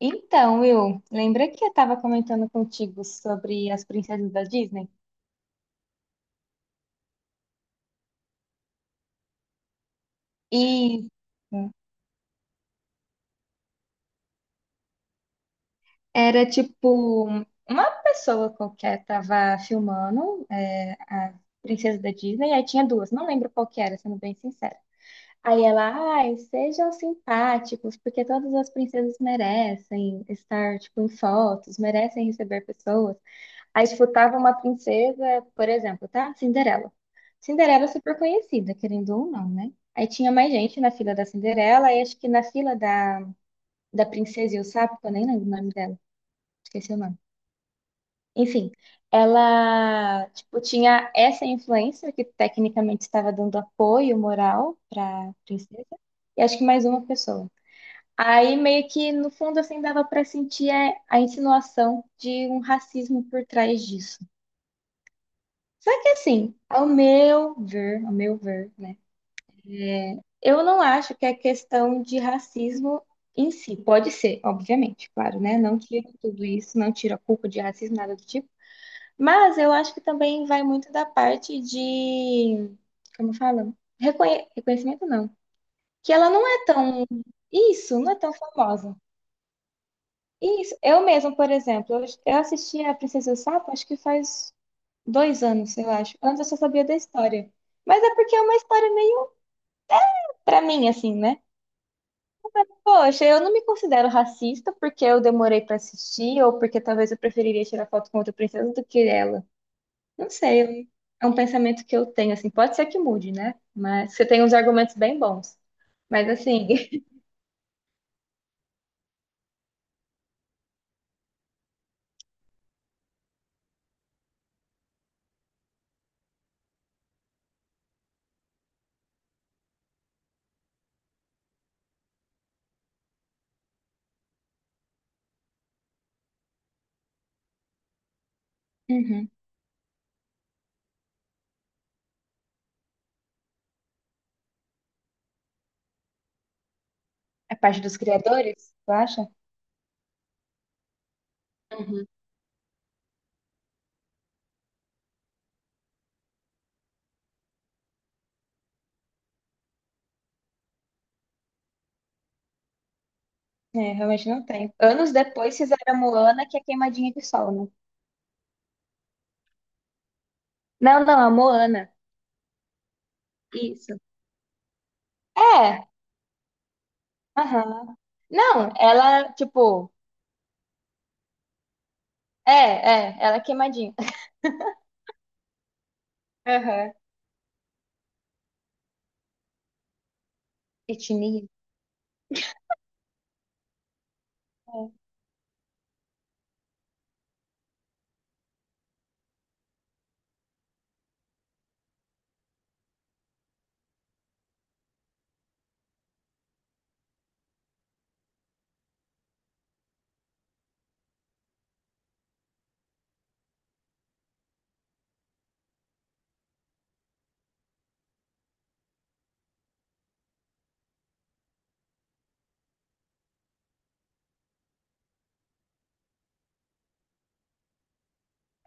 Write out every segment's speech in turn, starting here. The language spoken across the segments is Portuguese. Então, Will, lembra que eu estava comentando contigo sobre as princesas da Disney? E era tipo uma pessoa qualquer tava filmando a princesa da Disney, aí tinha duas, não lembro qual que era, sendo bem sincera. Aí ela, ai, sejam simpáticos, porque todas as princesas merecem estar tipo em fotos, merecem receber pessoas. Aí escutava uma princesa, por exemplo, tá? Cinderela. Cinderela é super conhecida, querendo ou não, né? Aí tinha mais gente na fila da Cinderela, e acho que na fila da Princesa e o Sapo, que eu nem lembro o nome dela, esqueci o nome. Enfim, ela, tipo, tinha essa influencer que tecnicamente estava dando apoio moral pra princesa, e acho que mais uma pessoa. Aí meio que no fundo assim dava pra sentir a insinuação de um racismo por trás disso. Só que assim, ao meu ver, né? Eu não acho que é questão de racismo em si. Pode ser, obviamente, claro, né? Não tira tudo isso, não tira a culpa de racismo, nada do tipo. Mas eu acho que também vai muito da parte de, como fala? Reconhe- Reconhecimento não. Que ela não é tão. Isso, não é tão famosa. Isso. Eu mesma, por exemplo, eu assisti a Princesa e o Sapo, acho que faz dois anos, eu acho. Antes eu só sabia da história. Mas é porque é uma história meio. Pra mim, assim, né? Poxa, eu não me considero racista porque eu demorei pra assistir ou porque talvez eu preferiria tirar foto com outra princesa do que ela. Não sei, eu- é um pensamento que eu tenho, assim. Pode ser que mude, né? Mas você tem uns argumentos bem bons. Mas, assim, uhum. É parte dos criadores, tu acha? Uhum. É, realmente não tem. Anos depois fizeram a Moana, que é queimadinha de sol, né? Não, não, a Moana. Isso. É, aham. Não, ela, tipo, ela é queimadinha. Aham. Etnia? É,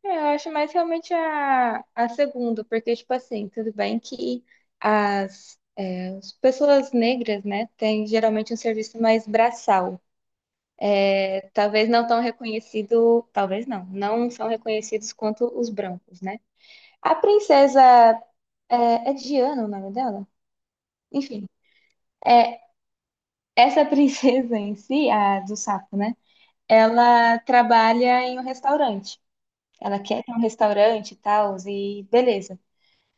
Eu acho mais realmente a segunda, porque, tipo assim, tudo bem que as, as pessoas negras, né, têm geralmente um serviço mais braçal. É, talvez não tão reconhecido, talvez não, não são reconhecidos quanto os brancos, né? A princesa, é, é Diana o nome dela? Enfim, é, essa princesa em si, a do sapo, né, ela trabalha em um restaurante. Ela quer ter um restaurante e tal, e beleza.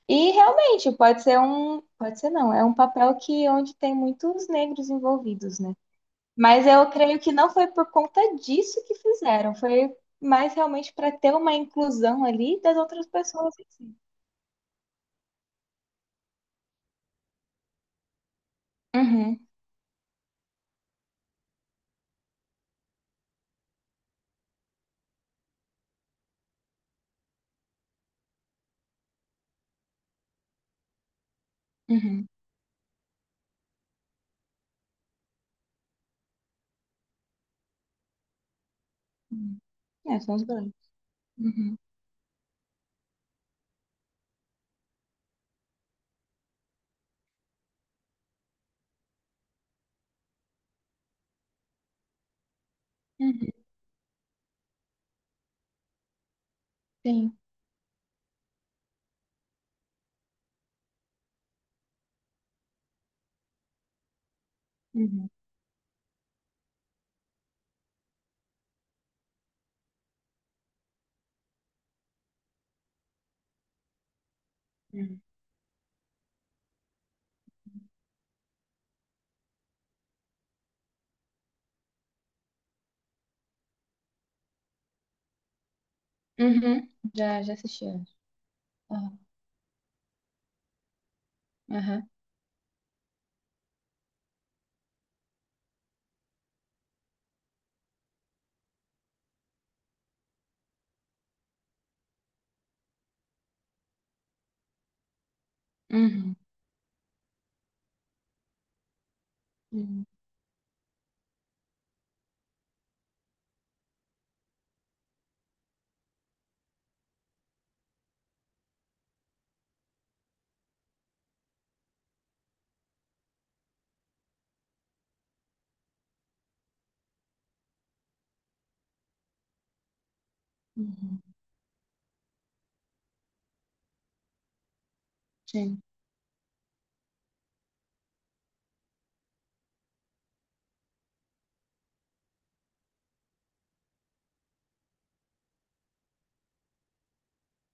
E realmente pode ser um, pode ser não, é um papel que onde tem muitos negros envolvidos, né? Mas eu creio que não foi por conta disso que fizeram, foi mais realmente para ter uma inclusão ali das outras pessoas em si. Uhum, uhum. Uhum. É, são os brancos. Uhum, uhum, sim. Uhum, uhum. Uhum, já, já assisti antes. Aham, aham. Uhum, uhum, uhum, sim.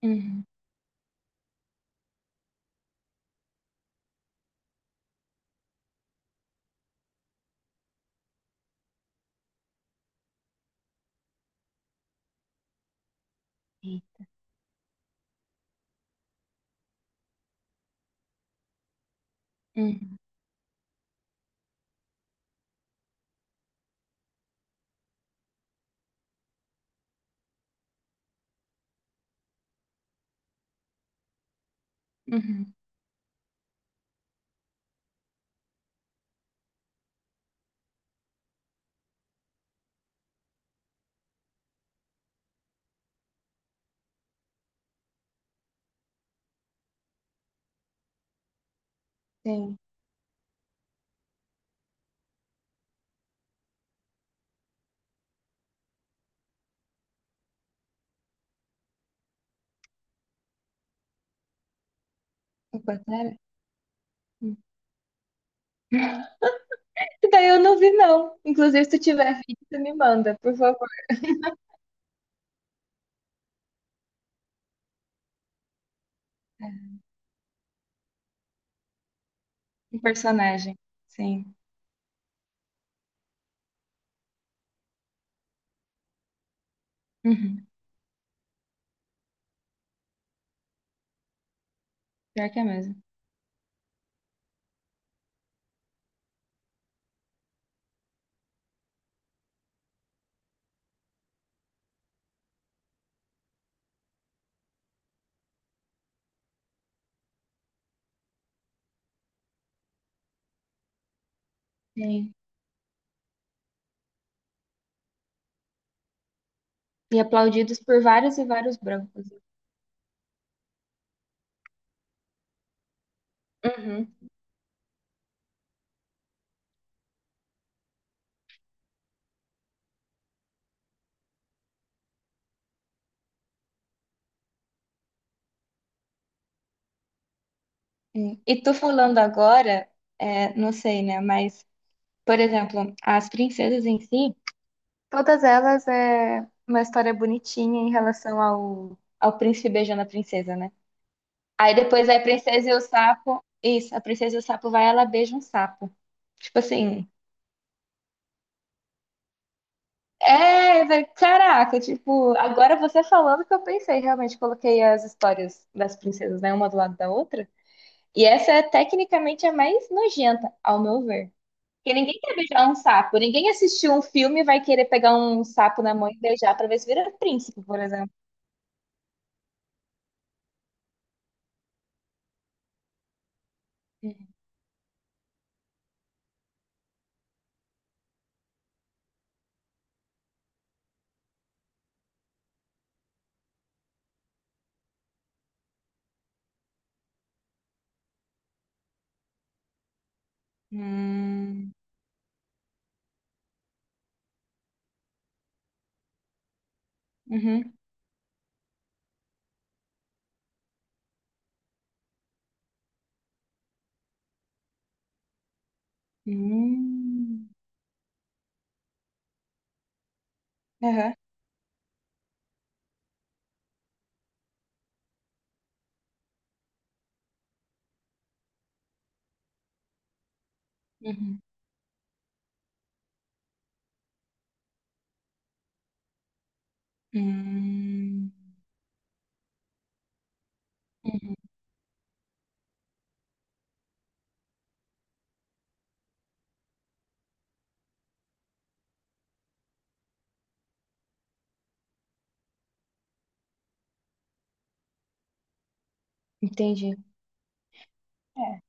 Uhum, uhum, uhum. Sim. Aquaterra? Hum. Esse daí eu não vi, não. Inclusive, se tu tiver vídeo, tu me manda, por favor. Um personagem. Sim. Uhum. Pior que é mesmo. Sim. E aplaudidos por vários e vários brancos. Uhum. Sim. E tu falando agora, é, não sei, né? Mas, por exemplo, as princesas em si, todas elas é uma história bonitinha em relação ao, ao príncipe beijando a princesa, né? Aí depois vai a princesa e o sapo. Isso, a princesa e o sapo vai, ela beija um sapo. Tipo assim. É, vai- caraca, tipo, agora você falando que eu pensei, realmente coloquei as histórias das princesas, né, uma do lado da outra. E essa é tecnicamente a mais nojenta, ao meu ver. Porque ninguém quer beijar um sapo, ninguém assistiu um filme e vai querer pegar um sapo na mão e beijar pra ver se vira príncipe, por exemplo. Hum, uhum, hum, aham, uhum, hum, uhum. Entendi. É.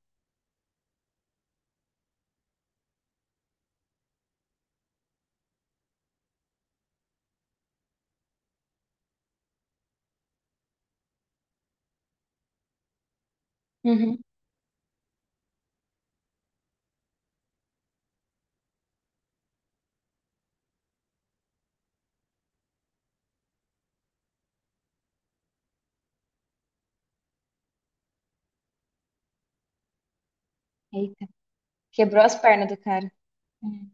Uhum. Eita, quebrou as pernas do cara. Hum.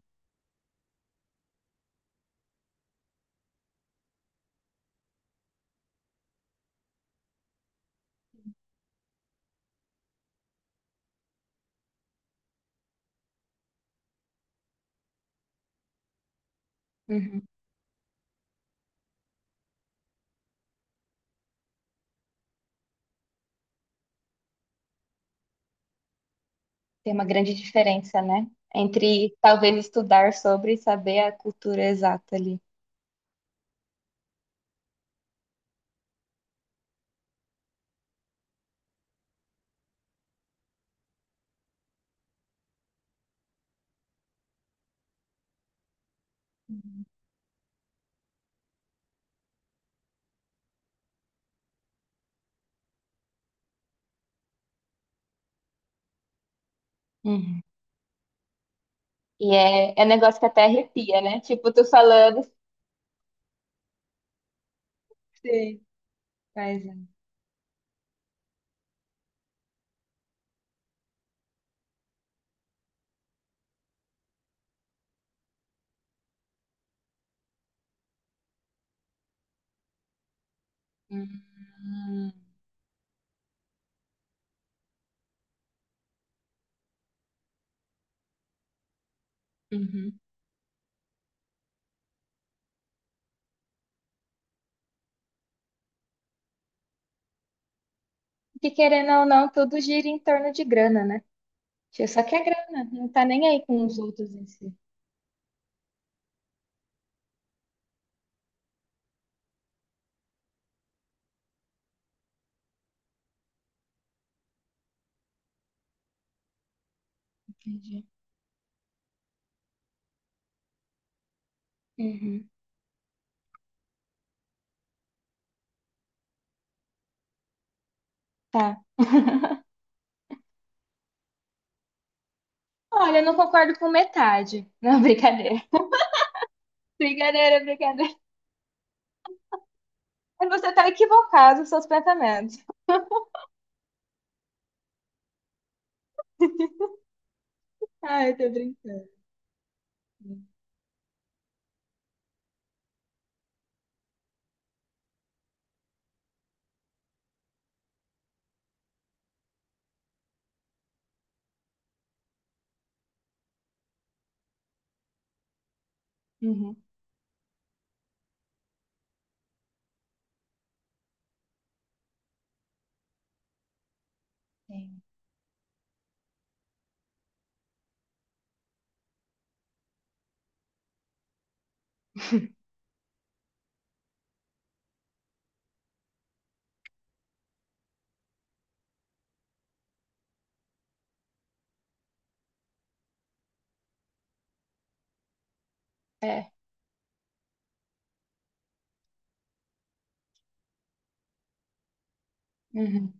Uhum. Tem uma grande diferença, né? Entre talvez estudar sobre e saber a cultura exata ali. Uhum. E é, é um negócio que até arrepia, né? Tipo, tu falando. Sim. Mas, é. Hum, uhum. Que querendo ou não, tudo gira em torno de grana, né? Tipo, só que é grana, não tá nem aí com os outros em si. Entendi. Uhum. Tá. Olha, eu não concordo com metade. Não, brincadeira. Brincadeira, brincadeira. Mas você tá equivocado nos seus pensamentos. Ah, eu tô brincando. Uhum. Sim. É. Uhum.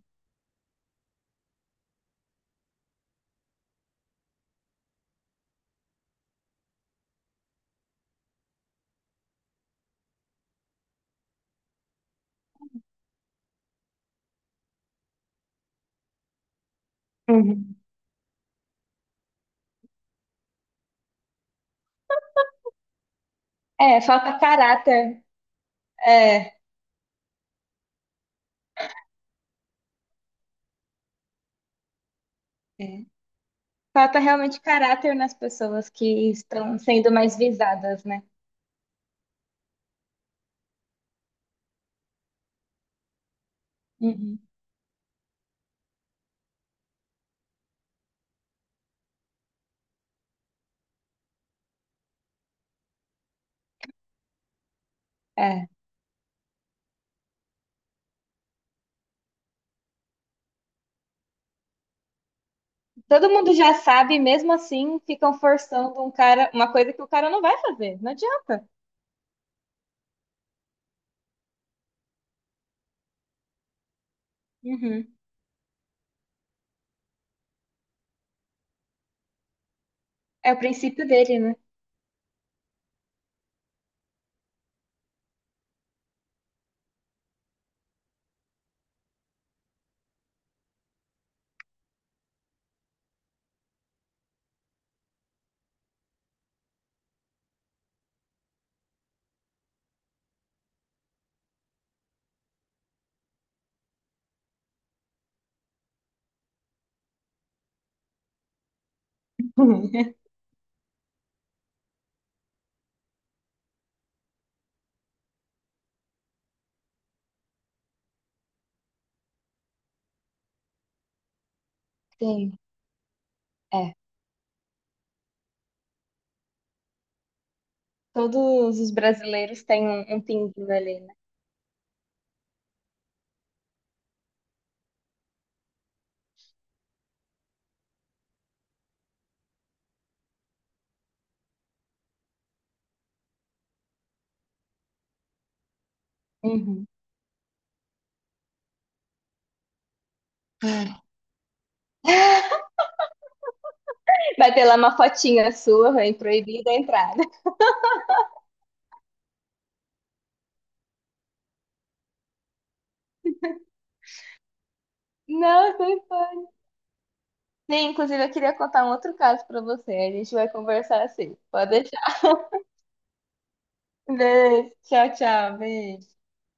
Uhum. É, falta caráter. É, é. Falta realmente caráter nas pessoas que estão sendo mais visadas, né? Uhum. É. Todo mundo já sabe, mesmo assim, ficam forçando um cara, uma coisa que o cara não vai fazer. Não adianta. Uhum. É o princípio dele, né? Sim, é. Todos os brasileiros têm um, um pinguinho ali, né? Uhum. É. Vai ter lá uma fotinha sua, vem proibida a entrada. Não, foi fã. Sim, inclusive eu queria contar um outro caso pra você. A gente vai conversar assim. Pode deixar. Beijo. Tchau, tchau. Beijo.